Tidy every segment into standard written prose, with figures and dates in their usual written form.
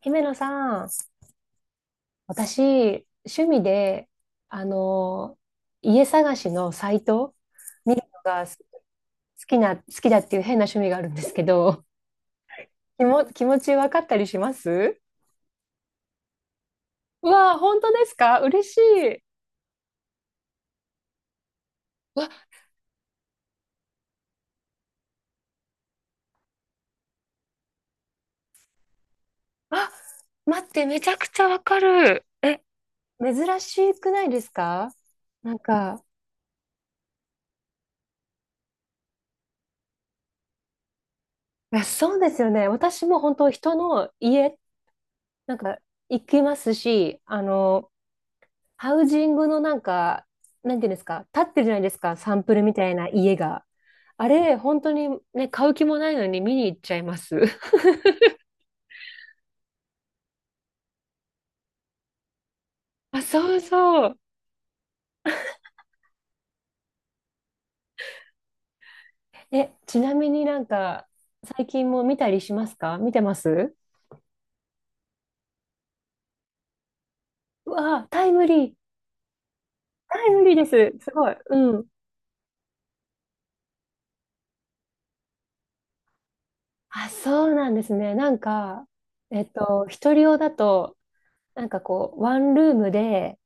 姫野さん、私、趣味で、あの、家探しのサイト見るのがす好きだっていう変な趣味があるんですけど、気持ち分かったりします？うわー、本当ですか？嬉しい。うわ、あ、待って、めちゃくちゃわかる。え、珍しくないですか？なんか、いや、そうですよね。私も本当人の家、なんか行きますし、ハウジングのなんか、なんていうんですか、立ってるじゃないですか、サンプルみたいな家が。あれ、本当にね、買う気もないのに見に行っちゃいます。あ、そうそう。え、ちなみになんか、最近も見たりしますか？見てます？うわあ、タイムリー。タイムリーです。すごい。うん。あ、そうなんですね。なんか、えっと、一人用だと、なんかこう、ワンルームで、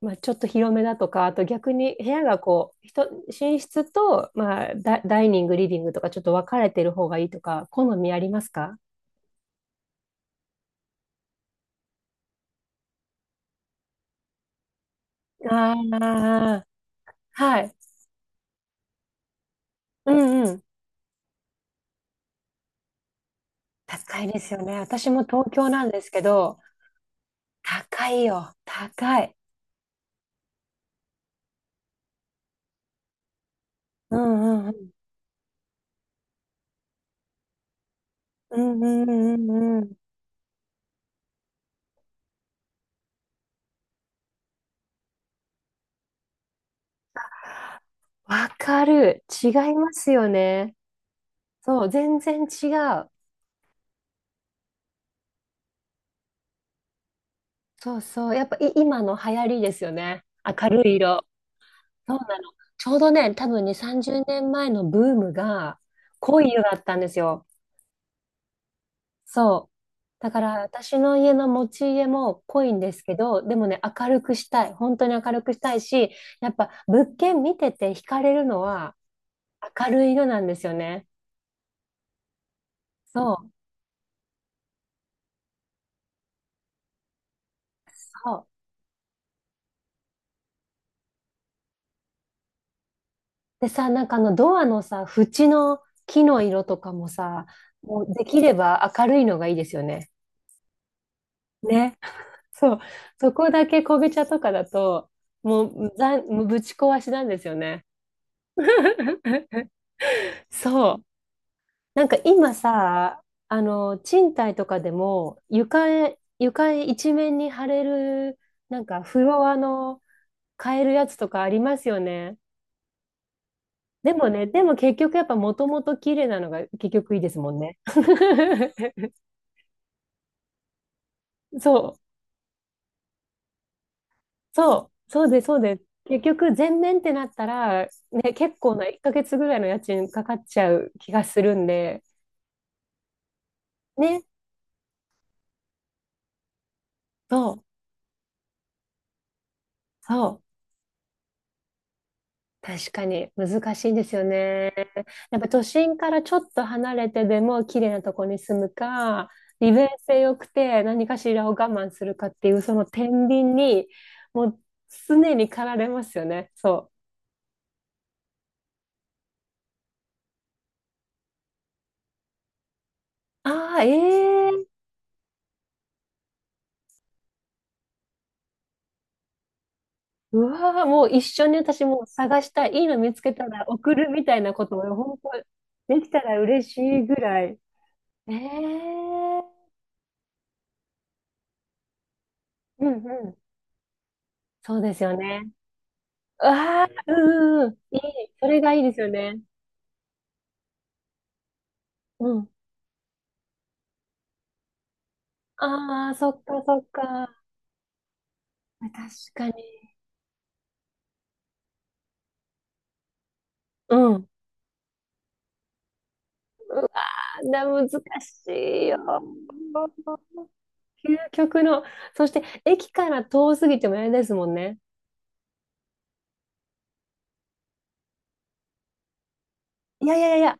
まあ、ちょっと広めだとか、あと逆に部屋がこう、寝室と、まあ、ダイニング、リビングとかちょっと分かれてる方がいいとか、好みありますか？ああー、はい。うんうん。高いですよね。私も東京なんですけど、高いよ。高い。うんうんうん。うんうんうんうん。わかる。違いますよね。そう、全然違う。そうそう。やっぱい今の流行りですよね。明るい色。そうなの。ちょうどね、多分にさんじゅうね、30年前のブームが濃い色だったんですよ。そう。だから私の家の持ち家も濃いんですけど、でもね、明るくしたい。本当に明るくしたいし、やっぱ物件見てて惹かれるのは明るい色なんですよね。そう、そう。でさ、なんかあのドアのさ、縁の木の色とかもさ、もうできれば明るいのがいいですよね。ね。そう、そこだけ昆布茶とかだと、もうぶち壊しなんですよね。そう。なんか今さ、あの、賃貸とかでも、床一面に貼れる、なんかフロアの買えるやつとかありますよね。でもね、でも結局やっぱもともと綺麗なのが結局いいですもんね。そう。そう、そうです、そうです。結局、全面ってなったら、ね、結構な1ヶ月ぐらいの家賃かかっちゃう気がするんで、ね、そう、そう、確かに難しいですよね。やっぱ都心からちょっと離れてでも綺麗なとこに住むか、利便性良くて何かしらを我慢するかっていう、その天秤に、もう常に駆られますよね。そう。ああ、ええ、うわー、もう一緒に私も探したい。いいの見つけたら送るみたいなことを本当できたら嬉しいぐらい。えー、うんうん。そうですよね。ああ、うんうん。いい。それがいいですよね。うん。ああ、そっかそっか。確かに。うん。わな難しいよ。究極の。そして、駅から遠すぎてもあれですもんね。いやいやいや、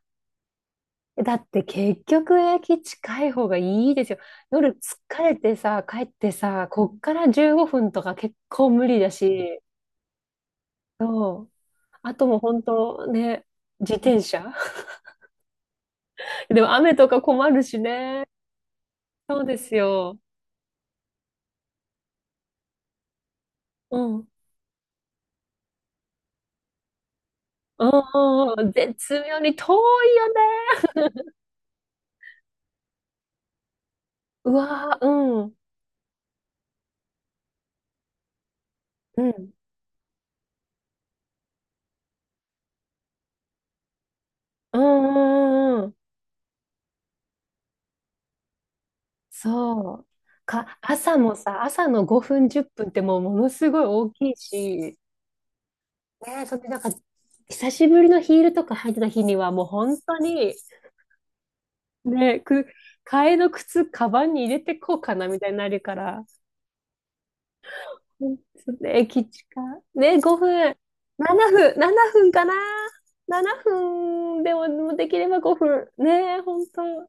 だって結局駅近い方がいいですよ。夜疲れてさ、帰ってさ、こっから15分とか結構無理だし、そう。あともう本当ね、自転車 でも雨とか困るしね。そうですよ。うん。うんうんうん。絶妙に遠いよね。うわー、うん。うん。うんうんうんうん。そう。か、朝もさ、朝の5分、10分っぷんってもうものすごい大きいし、ねえ、それなんか、久しぶりのヒールとか履いてた日には、もう本当に、ね、く、替えの靴、カバンに入れてこうかな、みたいになるから。うんとね、駅近。ね、5分。7分かな。7分でも、もうできれば5分。ねえ、本当。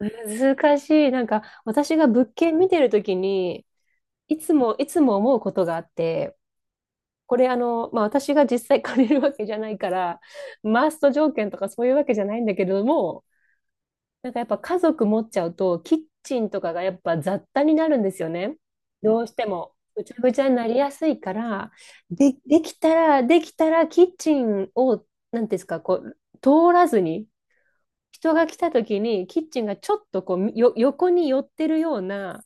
難しい。なんか、私が物件見てるときに、いつも思うことがあって、これあの、まあ、私が実際借りるわけじゃないから、マースト条件とかそういうわけじゃないんだけれども、なんかやっぱ家族持っちゃうと、キッチンとかがやっぱ雑多になるんですよね。どうしても。ぐちゃぐちゃになりやすいから、で、できたらキッチンを、なんていうんですか、こう、通らずに、人が来た時にキッチンがちょっとこうよ横に寄ってるような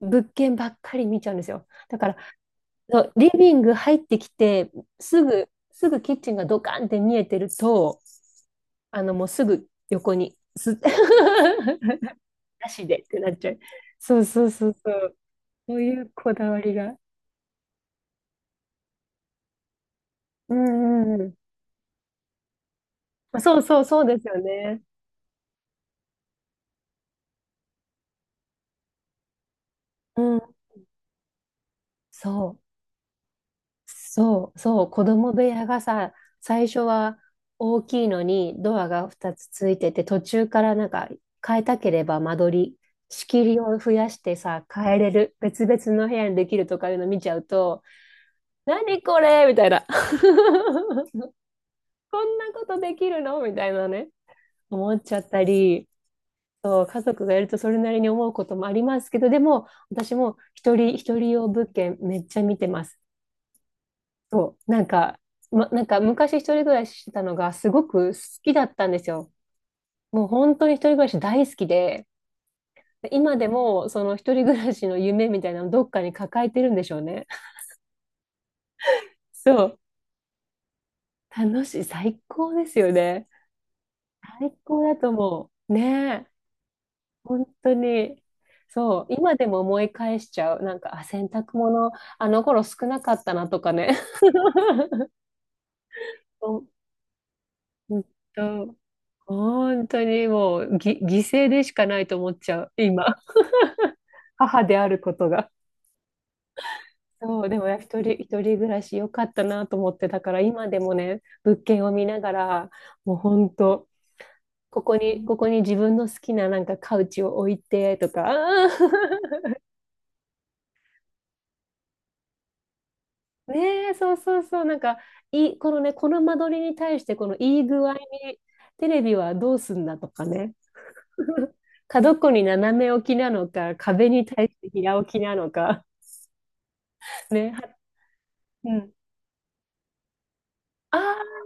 物件ばっかり見ちゃうんですよ。だからそうリビング入ってきて、すぐキッチンがドカンって見えてると、もうすぐ横に、なしでってなっちゃう。そうそうそうそう。そういうこだわりが。うんうんうん。そうそうそうですよね。うん。そう。そう、子供部屋がさ、最初は大きいのにドアが2つついてて、途中からなんか変えたければ間取り、仕切りを増やしてさ、変えれる、別々の部屋にできるとかいうの見ちゃうと、何これみたいな。こんなことできるのみたいなね、思っちゃったり、そう、家族がいるとそれなりに思うこともありますけど、でも私も一人用物件めっちゃ見てます。そう、なんか、なんか昔一人暮らししてたのがすごく好きだったんですよ。もう本当に一人暮らし大好きで、今でもその一人暮らしの夢みたいなのどっかに抱えてるんでしょうね。そう、楽しい、最高ですよね。最高だと思う。ねえ、本当に。そう、今でも思い返しちゃう。なんか、あ、洗濯物、あの頃少なかったなとかね。本当本当にもう犠牲でしかないと思っちゃう、今。母であることが。そう、でも一人暮らし良かったなと思って、だから今でもね、物件を見ながら、もう本当、ここに自分の好きななんかカウチを置いてとか、あー ねえ、そうそうそう、なんか、いい、このね、この間取りに対して、このいい具合に、テレビはどうすんだとかね、角っこに斜め置きなのか、壁に対して平置きなのか。ね、うん。ああ、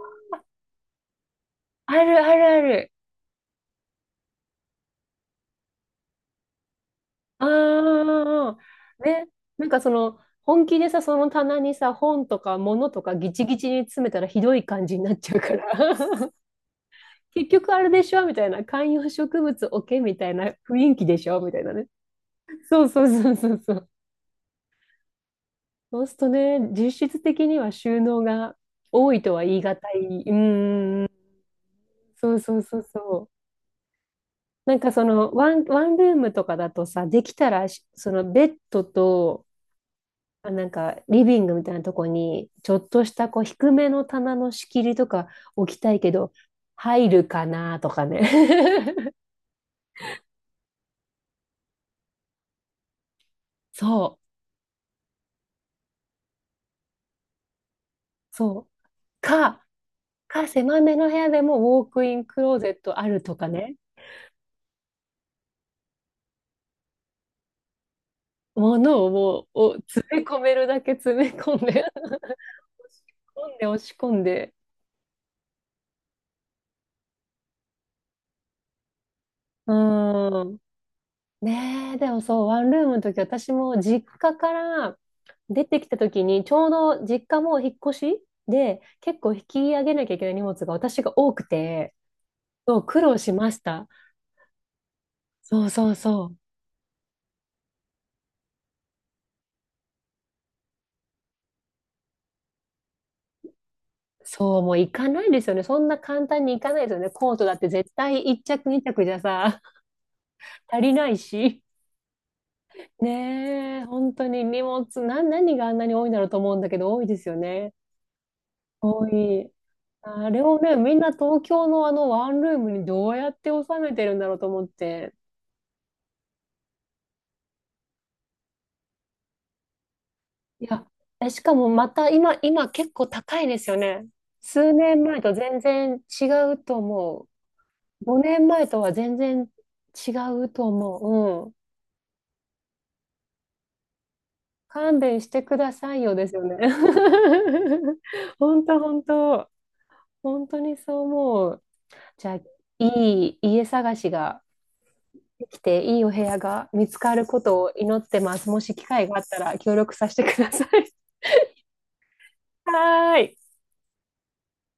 あるあるある。ああ、ね。なんかその、本気でさ、その棚にさ、本とか物とかギチギチに詰めたらひどい感じになっちゃうから。結局あれでしょみたいな。観葉植物置けみたいな雰囲気でしょみたいなね。そうそうそうそうそう。そうするとね、実質的には収納が多いとは言い難い。うんん。そうそうそうそう。なんかそのワンルームとかだとさ、できたらそのベッドとなんか、リビングみたいなとこに、ちょっとしたこう低めの棚の仕切りとか置きたいけど、入るかなとかね。そう、そう。か、狭めの部屋でもウォークインクローゼットあるとかね。ものをもう、お詰め込めるだけ詰め込んで し押し込んで。うん。ねえ、でもそう、ワンルームの時、私も実家から出てきた時に、ちょうど実家も引っ越しで、結構引き上げなきゃいけない荷物が私が多くて、そう、苦労しました。そうそうそう。そう、もう行かないですよね。そんな簡単に行かないですよね。コートだって絶対一着二着にちゃくじゃさ、足りないし。ねえ、本当に荷物、な、何があんなに多いんだろうと思うんだけど、多いですよね。多い。あれをね、みんな東京のあのワンルームにどうやって収めてるんだろうと思って。いや、え、しかもまた今、今結構高いですよね。数年前と全然違うと思う。5年前とは全然違うと思う。うん。勘弁してくださいよですよね。本当本当本当にそう思う。じゃあ、いい家探しが。できていいお部屋が見つかることを祈ってます。もし機会があったら協力させてください。はーい。